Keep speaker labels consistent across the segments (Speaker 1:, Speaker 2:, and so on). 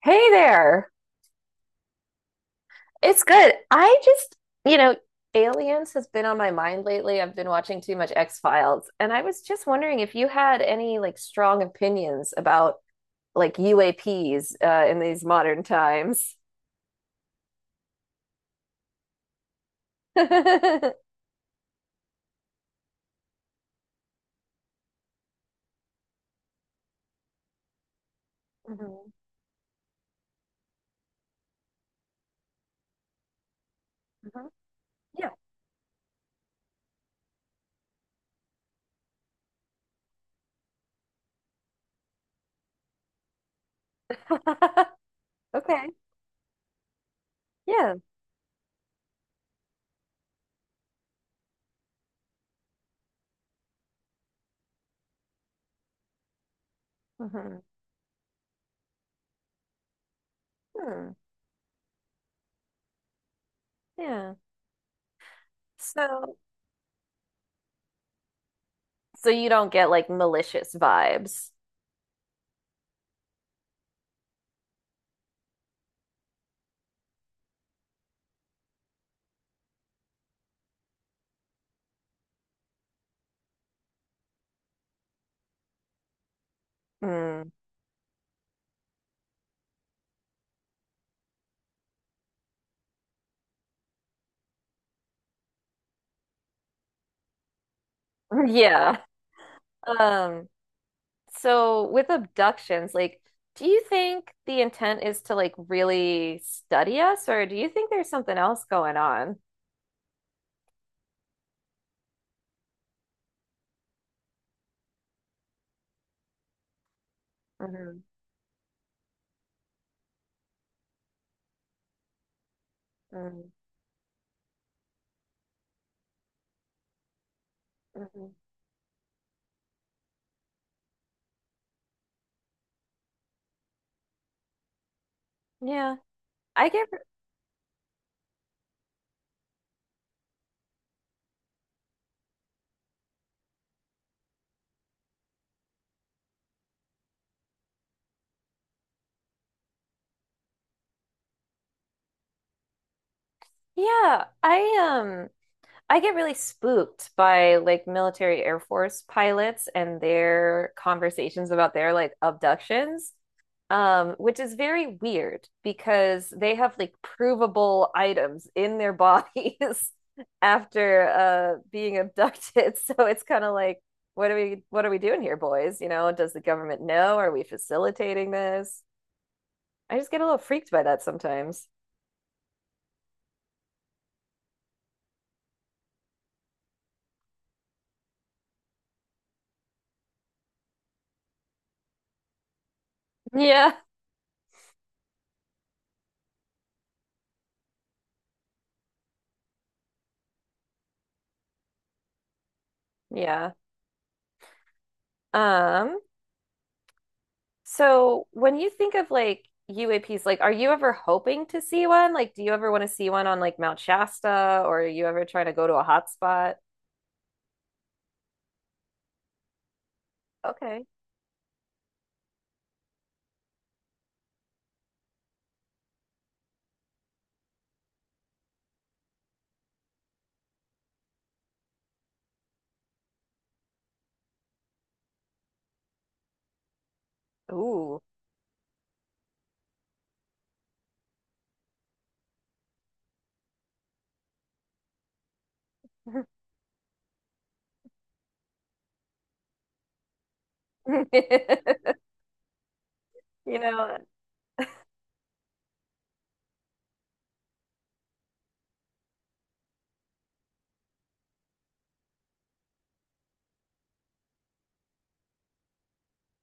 Speaker 1: Hey there. It's good. I just, you know, Aliens has been on my mind lately. I've been watching too much X-Files, and I was just wondering if you had any like strong opinions about like UAPs in these modern times. Mhm. Mhm. Yeah. Okay. Yeah. Hmm. Hmm. Yeah. So, so you don't get like malicious vibes. Mm. Yeah. Um, So with abductions, like, do you think the intent is to like really study us, or do you think there's something else going on? Hmm. Hmm. Hmm. Yeah, I get. Yeah, I get really spooked by like military Air Force pilots and their conversations about their like abductions, which is very weird because they have like provable items in their bodies after being abducted. So it's kind of like, what are we doing here, boys? You know, does the government know? Are we facilitating this? I just get a little freaked by that sometimes. Yeah. Yeah. Um, So when you think of like UAPs, like are you ever hoping to see one? Like do you ever want to see one on like Mount Shasta or are you ever trying to go to a hot spot? Okay. Ooh. You know,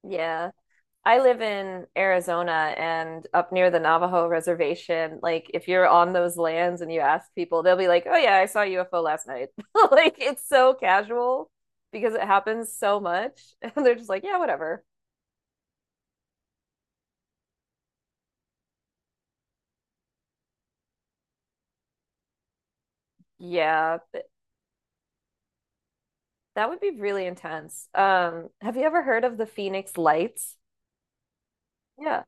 Speaker 1: yeah. I live in Arizona and up near the Navajo reservation, like if you're on those lands and you ask people, they'll be like, "Oh yeah, I saw a UFO last night." Like it's so casual because it happens so much. And they're just like, "Yeah, whatever." Yeah. That would be really intense. Have you ever heard of the Phoenix Lights? Yeah.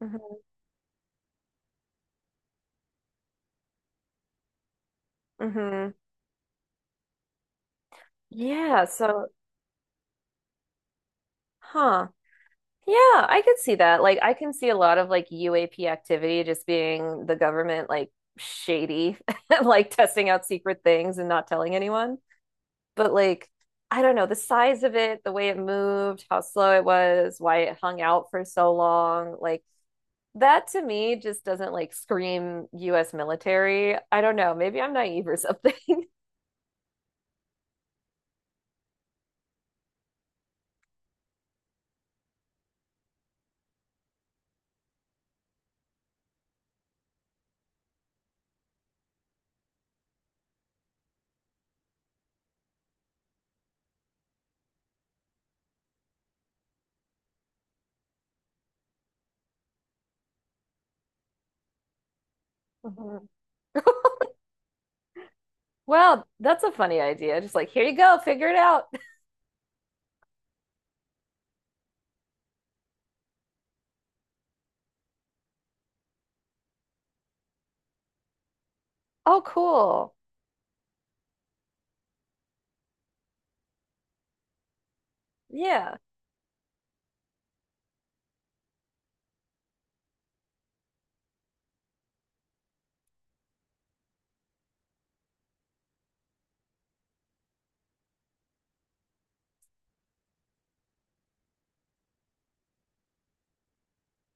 Speaker 1: Hmm. Hmm. Yeah, so, huh. Yeah, I could see that. Like, I can see a lot of like UAP activity just being the government like shady, like testing out secret things and not telling anyone. But like, I don't know, the size of it, the way it moved, how slow it was, why it hung out for so long, like that to me just doesn't like scream US military. I don't know. Maybe I'm naive or something. Mhm. Well, that's a funny idea. Just like, here you go, figure it out. Oh, cool. Yeah.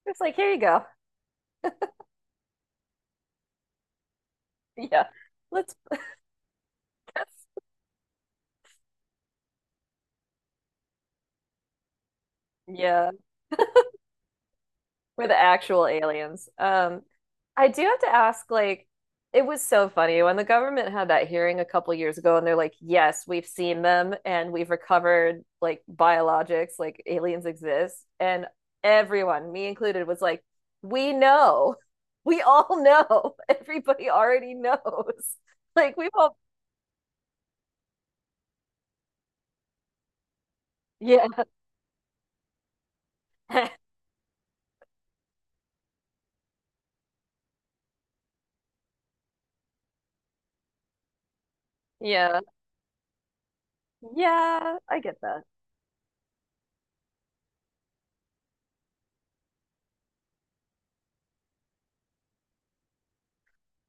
Speaker 1: It's like, here you go. Yeah. Let's, that's, yeah. We're the actual aliens. I do have to ask, like, it was so funny when the government had that hearing a couple years ago, and they're like, yes, we've seen them and we've recovered like biologics, like aliens exist. And everyone, me included, was like, we know. We all know. Everybody already knows. Like, we've all, yeah. Yeah. Yeah, I get that.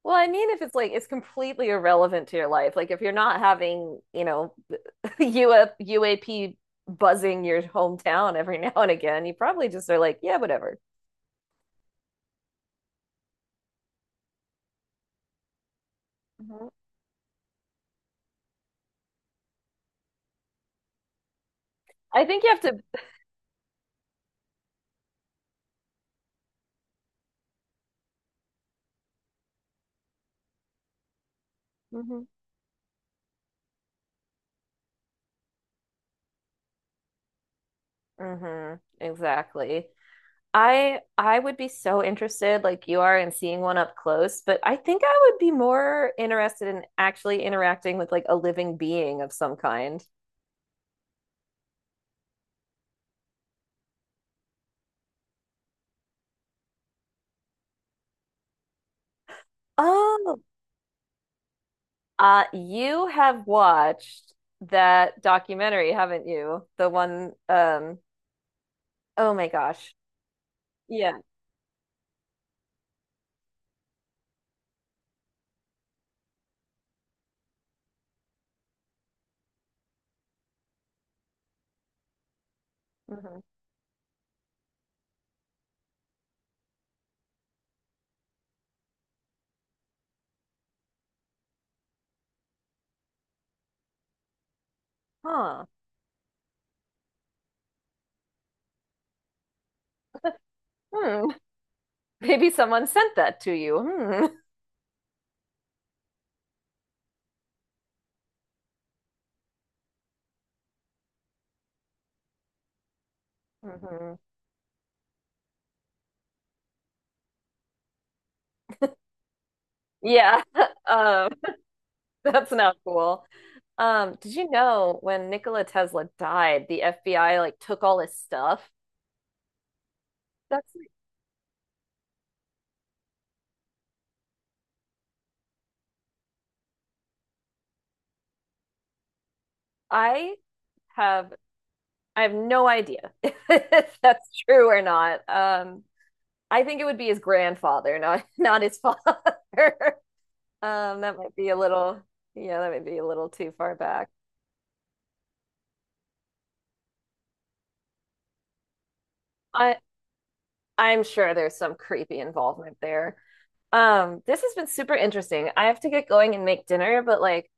Speaker 1: Well, I mean, if it's like it's completely irrelevant to your life, like if you're not having, you know, the UAP buzzing your hometown every now and again, you probably just are like, yeah, whatever. Mhm. I think you have to Mhm. Hmm. Exactly. I would be so interested, like you are, in seeing one up close, but I think I would be more interested in actually interacting with like a living being of some kind. Oh, uh, you have watched that documentary, haven't you? The one, oh my gosh. Yeah. Hmm. Huh. Hmm. Maybe someone sent that to you. Hmm. Mhm. Yeah, um, that's not cool. Did you know when Nikola Tesla died, the FBI like took all his stuff? That's like, I have I have no idea if that's true or not. I think it would be his grandfather, not not his father. Um, that might be a little too far back. I I'm sure there's some creepy involvement there. This has been super interesting. I have to get going and make dinner, but like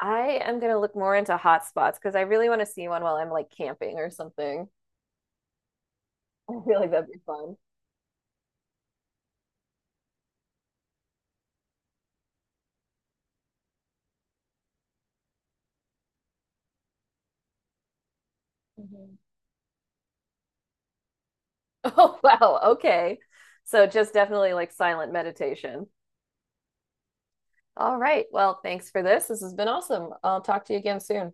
Speaker 1: I am gonna look more into hot spots because I really want to see one while I'm like camping or something. I feel like that'd be fun. Mhm. Oh, wow. Okay. So just definitely like silent meditation. All right. Well, thanks for this. This has been awesome. I'll talk to you again soon.